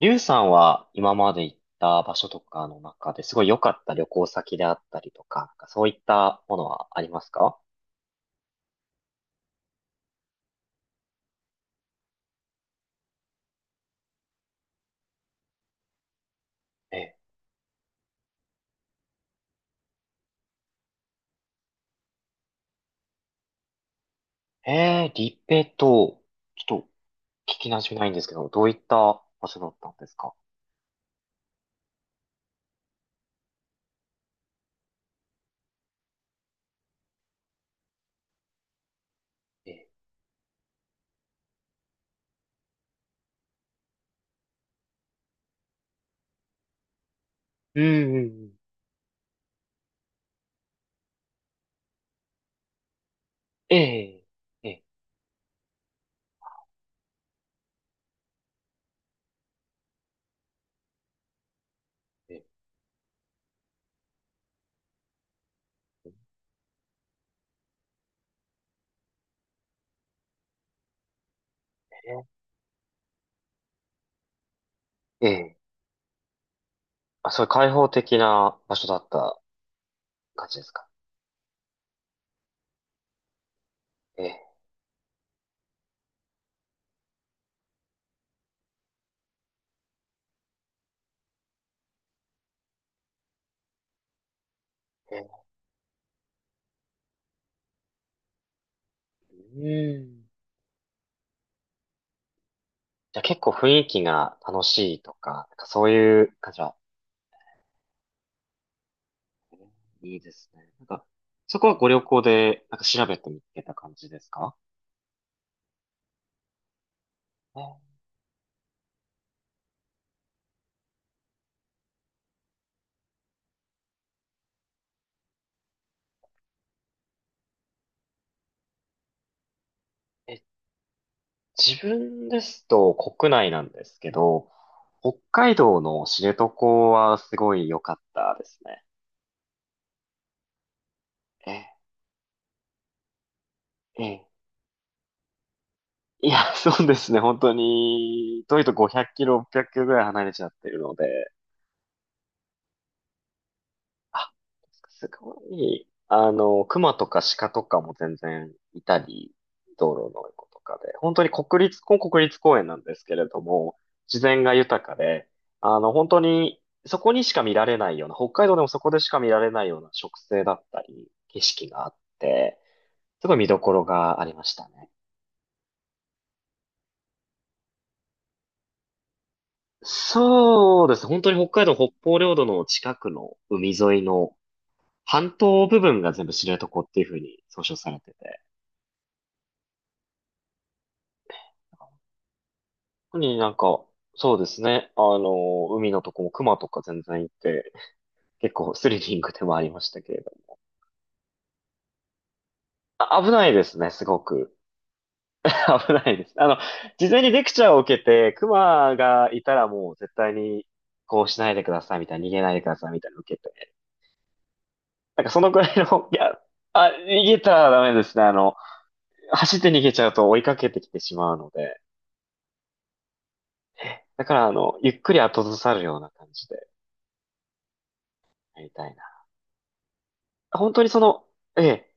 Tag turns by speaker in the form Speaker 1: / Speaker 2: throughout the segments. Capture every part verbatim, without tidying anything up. Speaker 1: リュウさんは今まで行った場所とかの中ですごい良かった旅行先であったりとか、なんかそういったものはありますか？え、えー、リペと、ちょっと聞き馴染みないんですけど、どういった場所だったんですか？えー、うんうんうん。えー、えー、えー、えー、えー。あ、そういう開放的な場所だった感じですか？えー、えー、うん。じゃあ結構雰囲気が楽しいとか、なんかそういう感じは？いいですね。なんか、そこはご旅行で、なんか調べて見つけた感じですか？え、え。自分ですと国内なんですけど、北海道の知床はすごい良かったですね。え、え、いや、そうですね。本当に、遠いとごひゃくキロ、ろっぴゃくキロぐらい離れちゃってるので、あ、すごい、あの、熊とか鹿とかも全然いたり、道路の横とかで、本当に国立、ここ国立公園なんですけれども、自然が豊かで、あの、本当に、そこにしか見られないような、北海道でもそこでしか見られないような植生だったり、景色があって、すごい見どころがありましたね。そうです。本当に北海道北方領土の近くの海沿いの半島部分が全部知床っていうふうに総称されてて、特になんか、そうですね。あの、海のとこも熊とか全然いて、結構スリリングでもありましたけれども。あ危ないですね、すごく。危ないです。あの、事前にレクチャーを受けて、熊がいたらもう絶対にこうしないでくださいみたいな、逃げないでくださいみたいなの受けて。なんかそのくらいの、いや、あ、逃げたらダメですね。あの、走って逃げちゃうと追いかけてきてしまうので。だからあの、ゆっくり後ずさるような感じでやりたいな。本当にその、ええ、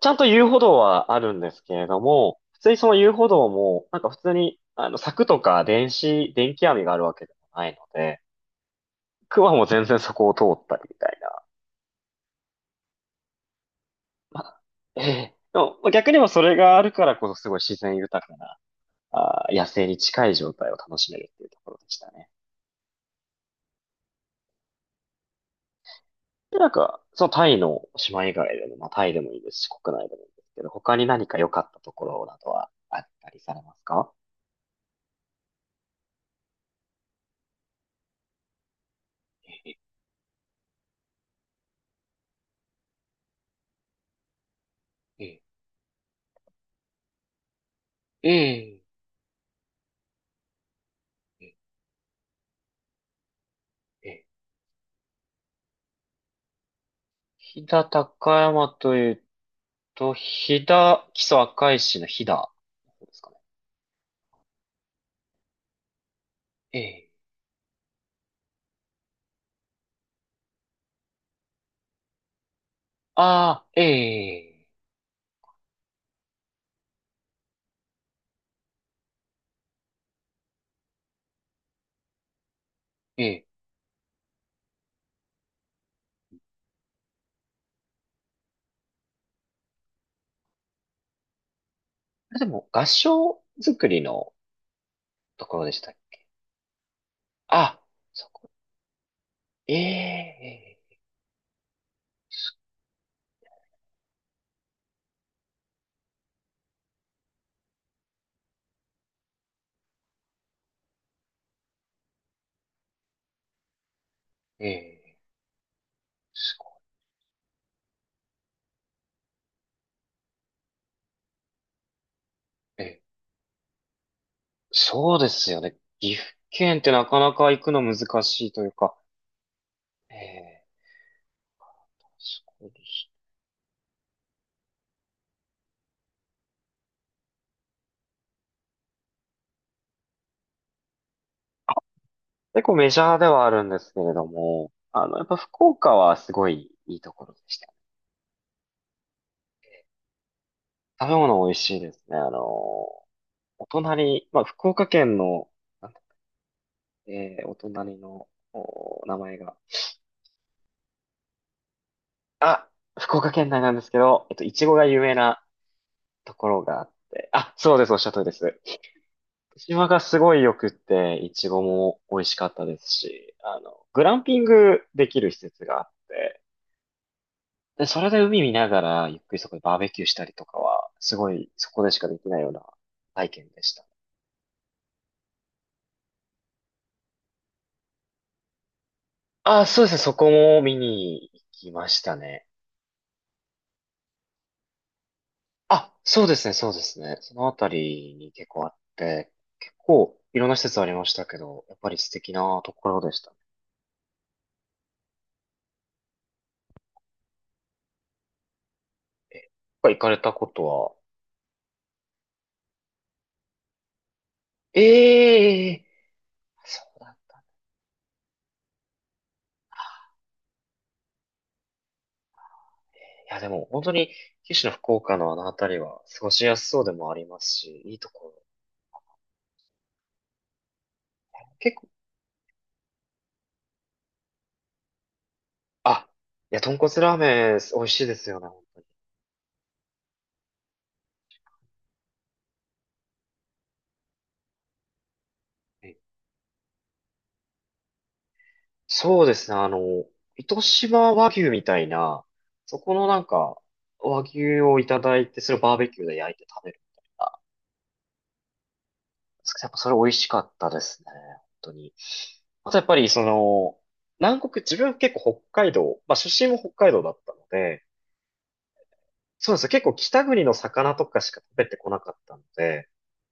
Speaker 1: ちゃんと遊歩道はあるんですけれども、普通にその遊歩道も、なんか普通に、あの、柵とか電子、電気網があるわけでもないので、クマも全然そこを通ったりみたいな。まあ、ええ、でもまあ逆にもそれがあるからこそすごい自然豊かな、あー野生に近い状態を楽しめるっていうところでしたね。で、なんか、そのタイの島以外でも、まあタイでもいいですし、国内でもいいですけど、他に何か良かったところなどはあったりされますか？ええ、ええ。え、飛騨高山というと、飛騨、木曽赤石の飛騨の方ですかね。ええ。ああ、ええ、ええ。あれでも、合掌作りのところでしたっけ？あ、そこ。ええ、ええ、すええ、すごい。ええ、そうですよね。岐阜県ってなかなか行くの難しいというか、ええ、すごいです。結構メジャーではあるんですけれども、あの、やっぱ福岡はすごいいいところでした。食べ物美味しいですね。あの、お隣、まあ、福岡県の、なんだえーお隣の、お名前が、あ、福岡県内なんですけど、えっと、いちごが有名なところがあって、あ、そうです、おっしゃる通りです。福島がすごい良くって、いちごも美味しかったですし、あの、グランピングできる施設があって、で、それで海見ながら、ゆっくりそこでバーベキューしたりとかは、すごい、そこでしかできないような体験でした。あ、そうですね。そこも見に行きましたね。あ、そうですね。そうですね。そのあたりに結構あって、結構いろんな施設ありましたけど、やっぱり素敵なところでしたね。やっぱ行かれたことは、ええそうだね。いや、でも本当に九州の福岡のあのあたりは過ごしやすそうでもありますし、いいところ。結構、あ、いや、豚骨ラーメン美味しいですよね、本当に。そうですね。あの、糸島和牛みたいな、そこのなんか、和牛をいただいて、それをバーベキューで焼いて食べるみたいな。やっぱそれ美味しかったですね。本当に。あとやっぱりその、南国、自分結構北海道、まあ出身も北海道だったので、そうですね。結構北国の魚とかしか食べてこなかったので、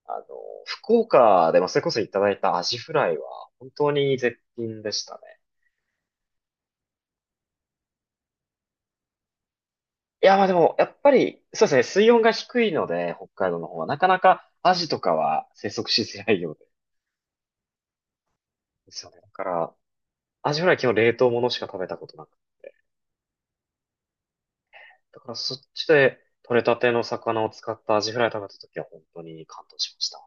Speaker 1: あの、福岡でまあそれこそいただいたアジフライは本当に絶品でしたね。いや、まあでも、やっぱり、そうですね、水温が低いので、北海道の方は、なかなかアジとかは生息しづらいようで、ですよね。だから、アジフライ基本冷凍ものしか食べたことなくて。だからそっちで取れたての魚を使ったアジフライ食べた時は本当に感動しました。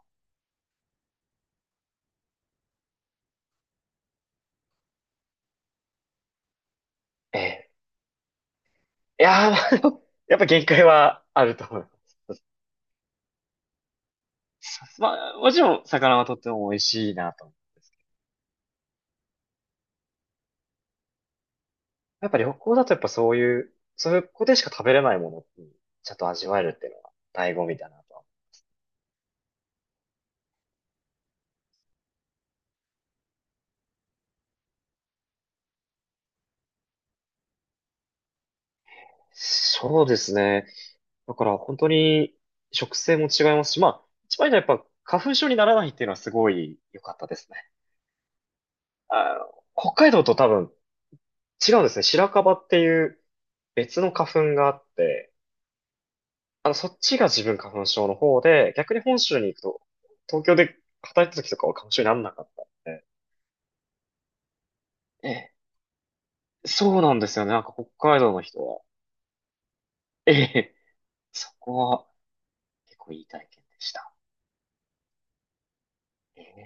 Speaker 1: ええ。いやー、まあやっぱ限界はあると思います。まあ、もちろん魚はとっても美味しいなと思うんですけど。やっぱ旅行だとやっぱそういう、そういうここでしか食べれないものにちゃんと味わえるっていうのが醍醐味だなと。そうですね。だから本当に食性も違いますし、まあ、一番じゃやっぱ花粉症にならないっていうのはすごい良かったですね。あの、北海道と多分違うんですね。白樺っていう別の花粉があって、あの、そっちが自分花粉症の方で、逆に本州に行くと、東京で働いた時とかは花粉症にならなかったんで、ええ、そうなんですよね。なんか北海道の人は。ええ、そこは結構いい体験でした。ええ